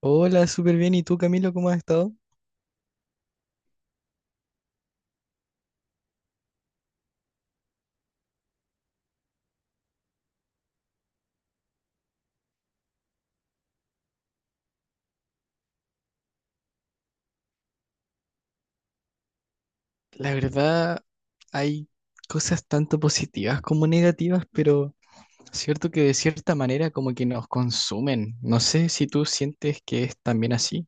Hola, súper bien. ¿Y tú, Camilo, cómo has estado? La verdad, hay cosas tanto positivas como negativas, pero cierto que de cierta manera como que nos consumen. No sé si tú sientes que es también así.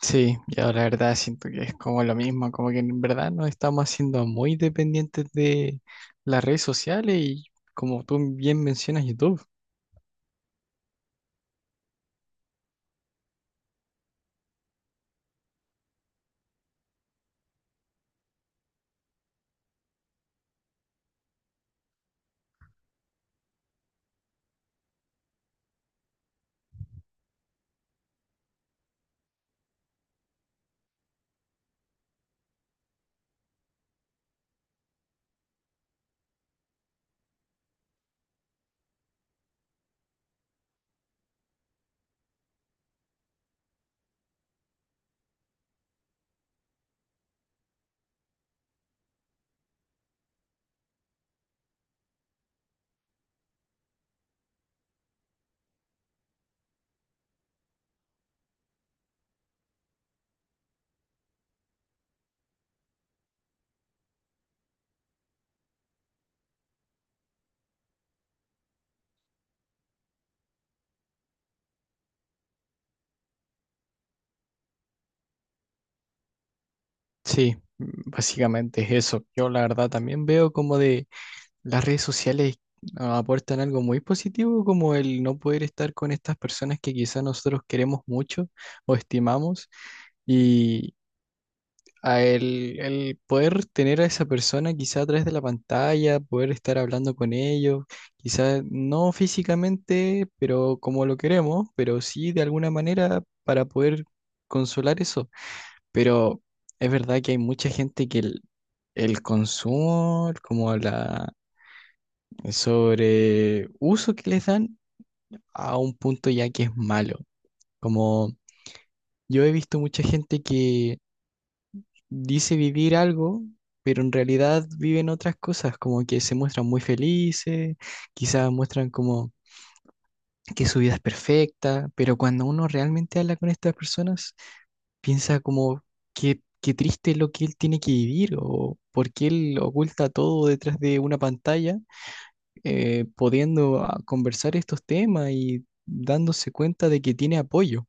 Sí, yo la verdad siento que es como lo mismo, como que en verdad nos estamos haciendo muy dependientes de las redes sociales y como tú bien mencionas YouTube. Sí, básicamente es eso. Yo la verdad también veo como de las redes sociales aportan algo muy positivo, como el no poder estar con estas personas que quizás nosotros queremos mucho o estimamos, y el poder tener a esa persona quizá a través de la pantalla, poder estar hablando con ellos, quizás no físicamente, pero como lo queremos, pero sí de alguna manera para poder consolar eso. Pero es verdad que hay mucha gente que el consumo, como la sobre uso que les dan a un punto ya que es malo. Como yo he visto mucha gente que dice vivir algo, pero en realidad viven otras cosas, como que se muestran muy felices, quizás muestran como que su vida es perfecta, pero cuando uno realmente habla con estas personas, piensa como que qué triste lo que él tiene que vivir o por qué él oculta todo detrás de una pantalla, pudiendo conversar estos temas y dándose cuenta de que tiene apoyo.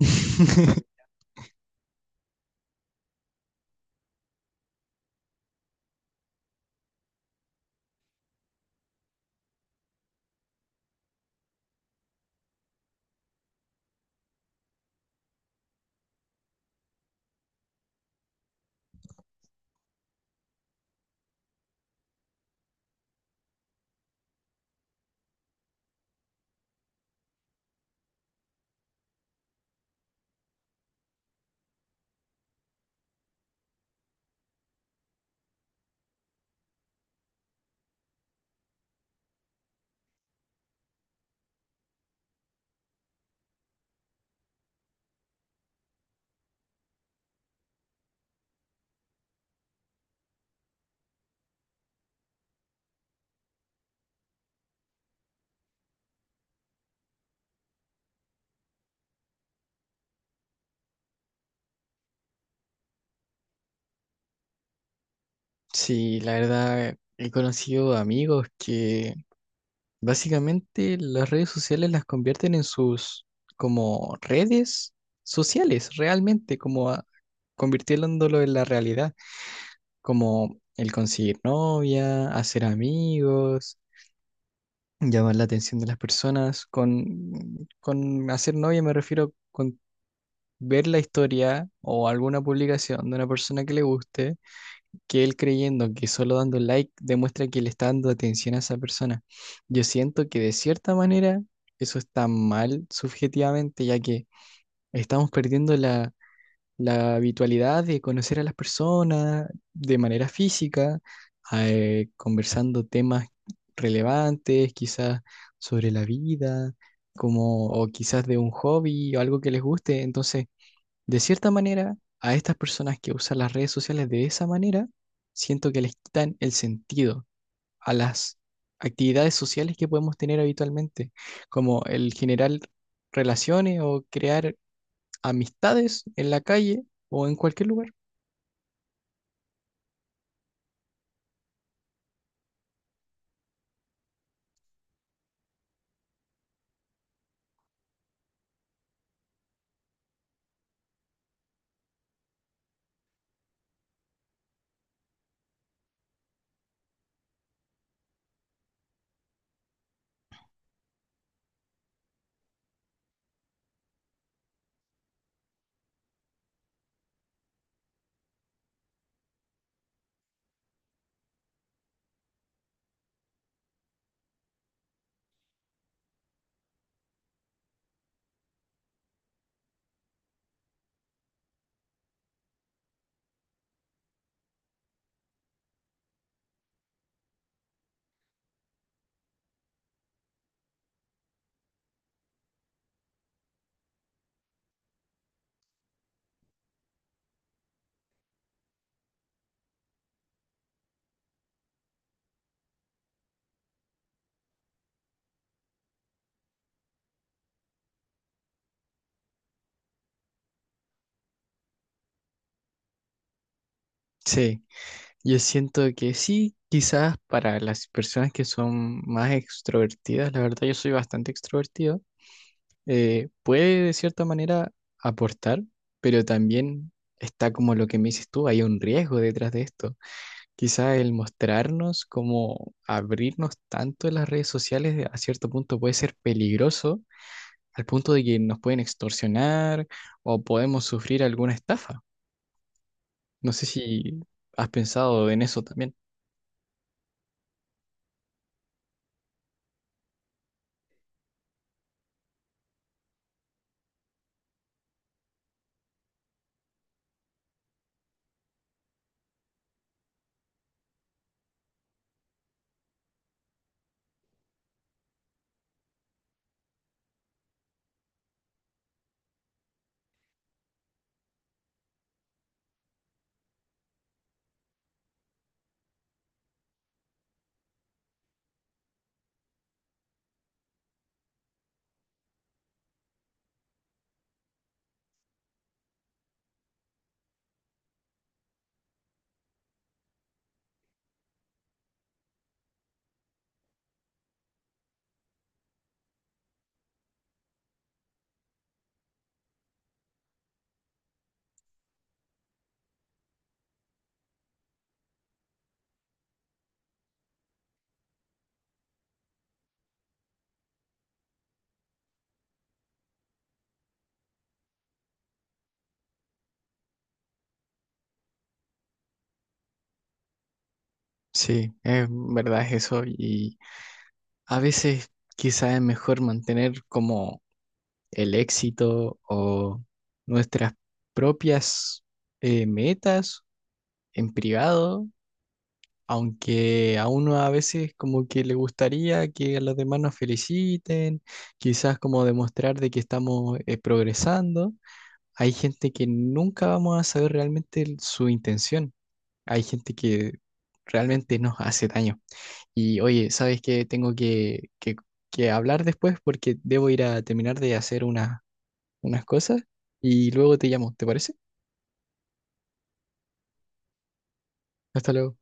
Sí, la verdad, he conocido amigos que básicamente las redes sociales las convierten en sus como redes sociales, realmente, convirtiéndolo en la realidad, como el conseguir novia, hacer amigos, llamar la atención de las personas, con hacer novia me refiero con ver la historia o alguna publicación de una persona que le guste, que él creyendo que solo dando like demuestra que le está dando atención a esa persona. Yo siento que de cierta manera eso está mal subjetivamente, ya que estamos perdiendo la habitualidad de conocer a las personas de manera física, conversando temas relevantes, quizás sobre la vida, como, o quizás de un hobby o algo que les guste. Entonces, de cierta manera, a estas personas que usan las redes sociales de esa manera, siento que les quitan el sentido a las actividades sociales que podemos tener habitualmente, como el generar relaciones o crear amistades en la calle o en cualquier lugar. Sí, yo siento que sí, quizás para las personas que son más extrovertidas, la verdad yo soy bastante extrovertido, puede de cierta manera aportar, pero también está como lo que me dices tú, hay un riesgo detrás de esto. Quizá el mostrarnos, como abrirnos tanto en las redes sociales a cierto punto puede ser peligroso, al punto de que nos pueden extorsionar o podemos sufrir alguna estafa. No sé si has pensado en eso también. Sí, es verdad es eso y a veces quizá es mejor mantener como el éxito o nuestras propias metas en privado, aunque a uno a veces como que le gustaría que a los demás nos feliciten, quizás como demostrar de que estamos progresando. Hay gente que nunca vamos a saber realmente su intención. Hay gente que realmente nos hace daño. Y oye, ¿sabes qué? Tengo que hablar después porque debo ir a terminar de hacer unas cosas y luego te llamo, ¿te parece? Hasta luego.